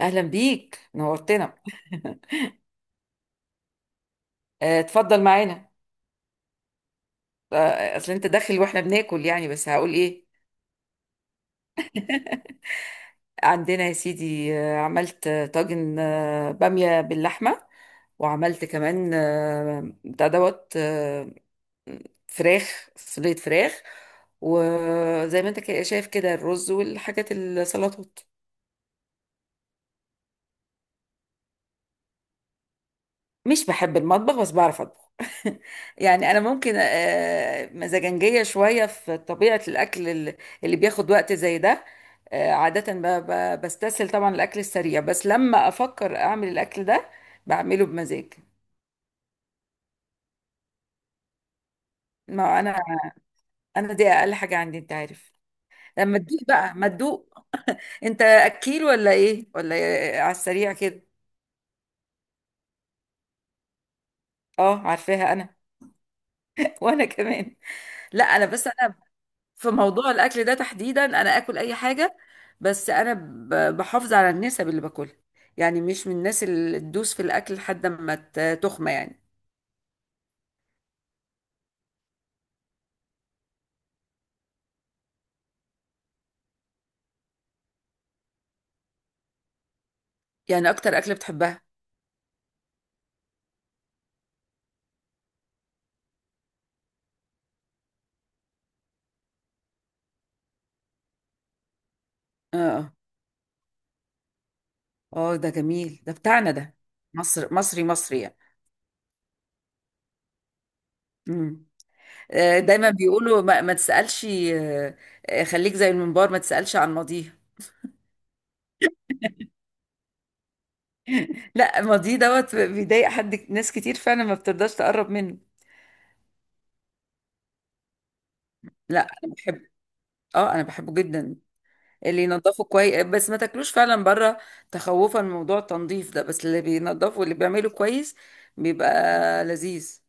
اهلا بيك، نورتنا. اتفضل معانا. اصل انت داخل واحنا بناكل، يعني بس هقول ايه. عندنا يا سيدي، عملت طاجن، بامية باللحمة. وعملت كمان، بتاع دوت، فراخ صينية، فراخ. وزي ما انت كده شايف كده، الرز والحاجات، السلطات. مش بحب المطبخ بس بعرف اطبخ. يعني انا ممكن مزاجنجيه شويه في طبيعه الاكل اللي بياخد وقت زي ده. عاده بستسهل طبعا الاكل السريع، بس لما افكر اعمل الاكل ده بعمله بمزاج. ما انا دي اقل حاجه عندي، انت عارف. لما تدوق بقى ما تدوق. انت اكيل ولا ايه ولا إيه؟ على السريع كده. اه، عارفاها انا. وانا كمان. لا انا بس، في موضوع الاكل ده تحديدا انا اكل اي حاجه، بس انا بحافظ على النسب اللي باكلها. يعني مش من الناس اللي تدوس في الاكل لحد ما تخمى يعني. يعني اكتر اكل بتحبها؟ اه، اه، ده جميل، ده بتاعنا ده. مصر، مصري مصري يعني. مم. دايما بيقولوا ما تسالش، خليك زي المنبار ما تسالش عن ماضيه. لا، ماضيه دوت بيضايق حد، ناس كتير فعلا ما بترضاش تقرب منه. لا انا بحب، اه انا بحبه جدا. اللي ينضفوا كويس، بس ما تاكلوش فعلا بره، تخوفا من موضوع التنظيف ده. بس اللي بينضفوا، اللي بيعمله كويس، بيبقى لذيذ.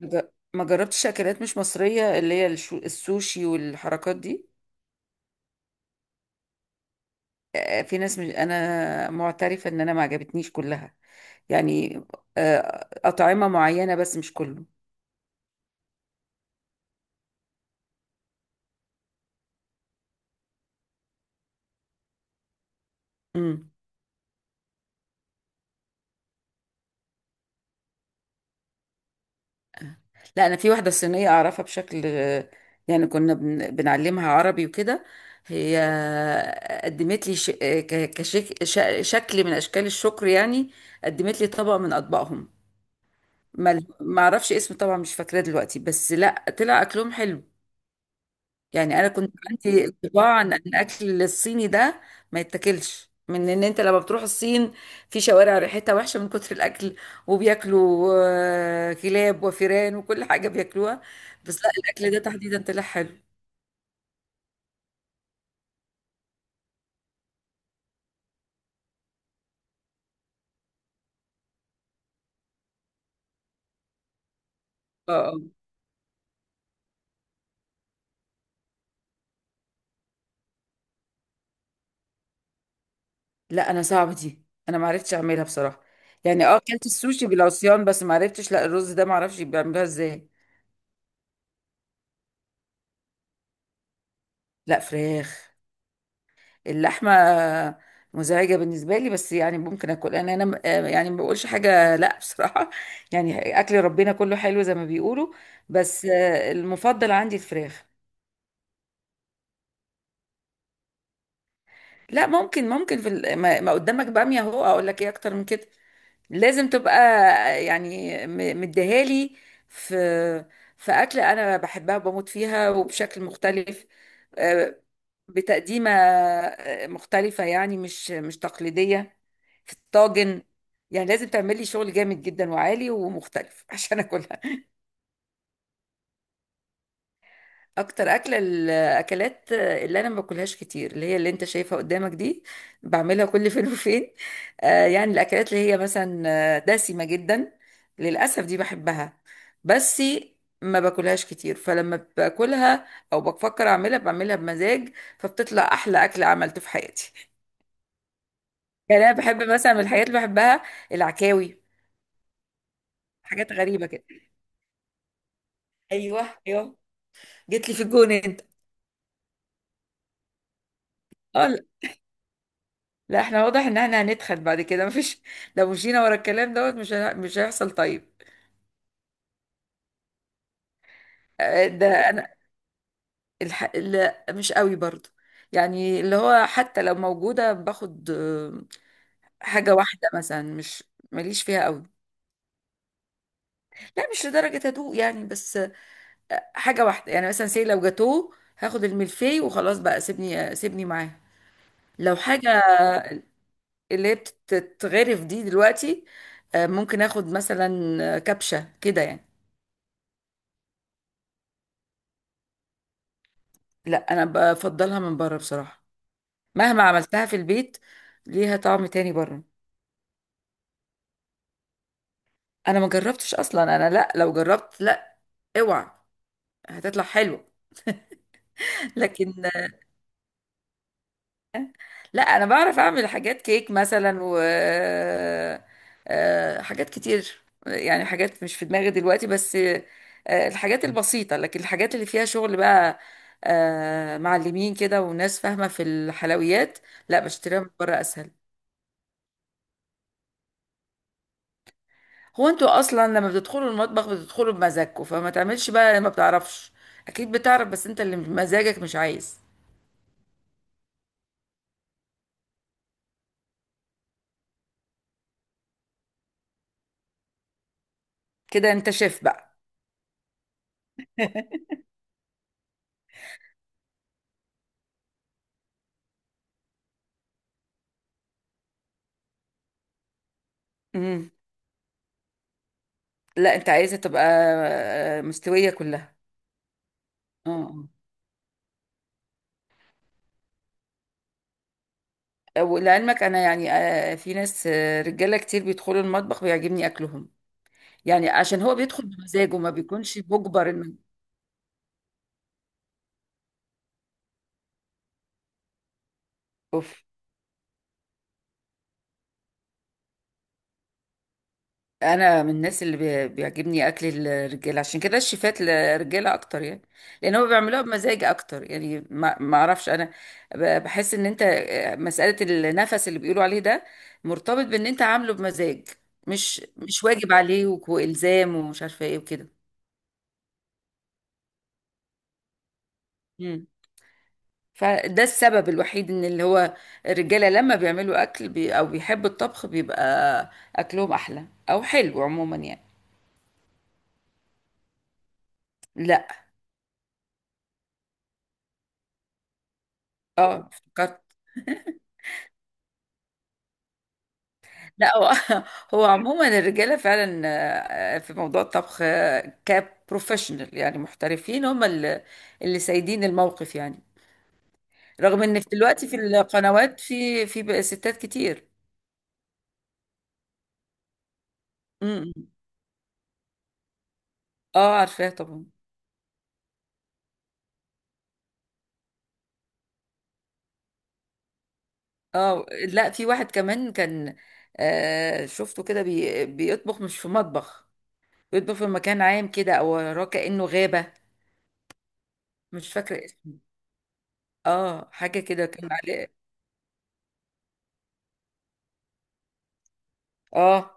مج- ما جربتش اكلات مش مصرية، اللي هي السوشي والحركات دي. في ناس، مش انا، معترفة ان انا ما عجبتنيش كلها يعني. اطعمة معينة، بس مش كله. مم. لا، انا في واحده صينيه اعرفها بشكل. يعني كنا بنعلمها عربي وكده. هي قدمت لي ش... ك- كشك... ش... شكل من اشكال الشكر يعني. قدمت لي طبق من اطباقهم، ما اعرفش اسم طبعا، مش فاكراه دلوقتي. بس لا، طلع اكلهم حلو. يعني انا كنت عندي انطباع ان الاكل الصيني ده ما يتاكلش، من ان انت لما بتروح الصين، في شوارع ريحتها وحشه من كتر الاكل. وبياكلوا كلاب وفيران وكل حاجه بياكلوها. بس لا، الاكل ده تحديدا طلع حلو. اه. لا انا صعبه دي، انا ما عرفتش اعملها بصراحه. يعني اه، اكلت السوشي بالعصيان، بس ما عرفتش لا. الرز ده ما اعرفش بيعملوها ازاي. لا، فراخ. اللحمة مزعجة بالنسبة لي، بس يعني ممكن أكل. أنا يعني ما بقولش حاجة، لأ بصراحة. يعني أكل ربنا كله حلو زي ما بيقولوا. بس المفضل عندي الفراخ. لا، ممكن في ما قدامك بامية أهو، أقول لك إيه أكتر من كده؟ لازم تبقى يعني، مديهالي. في في أكلة أنا بحبها وبموت فيها، وبشكل مختلف. آه، بتقديمة مختلفة، يعني مش تقليدية، في الطاجن. يعني لازم تعملي شغل جامد جدا وعالي ومختلف عشان أكلها. اكتر اكله الاكلات اللي انا ما باكلهاش كتير، اللي هي اللي انت شايفها قدامك دي. بعملها كل فين وفين. يعني الاكلات اللي هي مثلا دسمه جدا. للاسف دي بحبها، بس ما باكلهاش كتير. فلما باكلها او بفكر اعملها، بعملها بمزاج، فبتطلع احلى اكل عملته في حياتي. يعني انا بحب مثلا، من الحاجات اللي بحبها، العكاوي. حاجات غريبه كده. ايوه، ايوه، جيت لي في الجون انت. اه، لا احنا واضح ان احنا هنتخن بعد كده. مفيش. لو مشينا ورا الكلام دوت مش هيحصل طيب. ده انا، لا مش قوي برضو. يعني اللي هو حتى لو موجودة باخد حاجة واحدة مثلا، مش ماليش فيها قوي. لا مش لدرجة هدوء يعني، بس حاجة واحدة يعني. مثلا سي لو جاتوه هاخد الملفي وخلاص بقى، سيبني سيبني معاه. لو حاجة اللي هي بتتغرف دي دلوقتي، ممكن اخد مثلا كبشة كده يعني. لا، انا بفضلها من بره بصراحة. مهما عملتها في البيت، ليها طعم تاني بره. انا ما جربتش اصلا انا. لا، لو جربت، لا، اوعى، هتطلع حلوه. لكن لا، انا بعرف اعمل حاجات كيك مثلا، و حاجات كتير يعني. حاجات مش في دماغي دلوقتي، بس الحاجات البسيطه. لكن الحاجات اللي فيها شغل بقى، معلمين كده وناس فاهمه في الحلويات، لا بشتريها من بره اسهل. هو انتوا اصلا لما بتدخلوا المطبخ بتدخلوا بمزاجكم، فما تعملش بقى لما بتعرفش. اكيد بتعرف، بس انت اللي مزاجك مش عايز. كده انت شيف بقى. امم. لا انت عايزه تبقى مستويه كلها. اه. ولعلمك انا يعني، في ناس، رجاله كتير بيدخلوا المطبخ بيعجبني اكلهم. يعني عشان هو بيدخل بمزاجه، ما بيكونش مجبر انه. اوف. انا من الناس اللي بيعجبني اكل الرجاله، عشان كده الشيفات الرجاله اكتر يعني. لان هم بيعملوها بمزاج اكتر. يعني ما اعرفش انا، بحس ان انت مساله النفس اللي بيقولوا عليه ده مرتبط بان انت عامله بمزاج، مش واجب عليه والزام ومش عارفه ايه وكده. مم. فده السبب الوحيد، ان اللي هو الرجاله لما بيعملوا اكل او بيحبوا الطبخ، بيبقى اكلهم احلى او حلو عموما يعني. لا. اه افتكرت. لا هو هو عموما الرجاله فعلا في موضوع الطبخ كبروفيشنال، يعني محترفين، هم اللي سايدين الموقف يعني. رغم ان في دلوقتي في القنوات، في بقى ستات كتير. امم. اه، عارفاه طبعا. اه لا، في واحد كمان كان، شفته كده، بيطبخ مش في مطبخ. بيطبخ في مكان عام كده، او وراه كأنه غابة. مش فاكرة اسمه، اه حاجة كده كان عليه. اه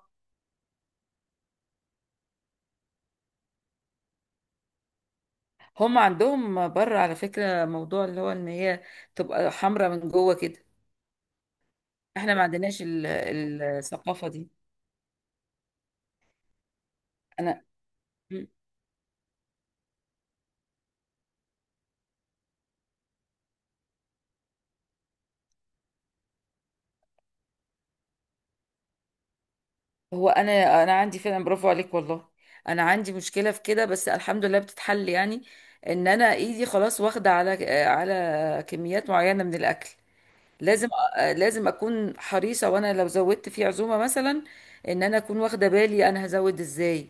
هم عندهم بره، على فكرة، موضوع اللي هو ان هي تبقى حمرا من جوه كده. احنا ما عندناش الثقافة دي. انا. مم. هو انا عندي فعلا، برافو عليك والله. انا عندي مشكلة في كده، بس الحمد لله بتتحل يعني. ان انا ايدي خلاص واخدة على كميات معينة من الاكل. لازم لازم اكون حريصة. وانا لو زودت في عزومة مثلا، ان انا اكون واخدة بالي انا هزود ازاي.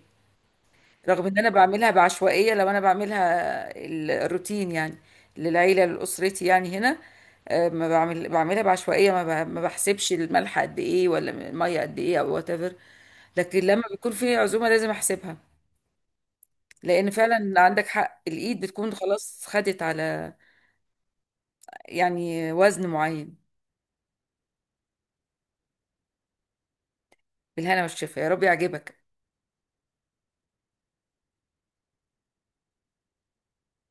رغم ان انا بعملها بعشوائيه. لو انا بعملها الروتين يعني، للعيله لاسرتي يعني هنا، ما بعمل بعملها بعشوائيه، ما بحسبش الملح قد ايه ولا الميه قد ايه، او وات ايفر. لكن لما بيكون في عزومه لازم احسبها. لان فعلا عندك حق، الايد بتكون خلاص خدت على يعني وزن معين. بالهنا والشفا، يا رب يعجبك.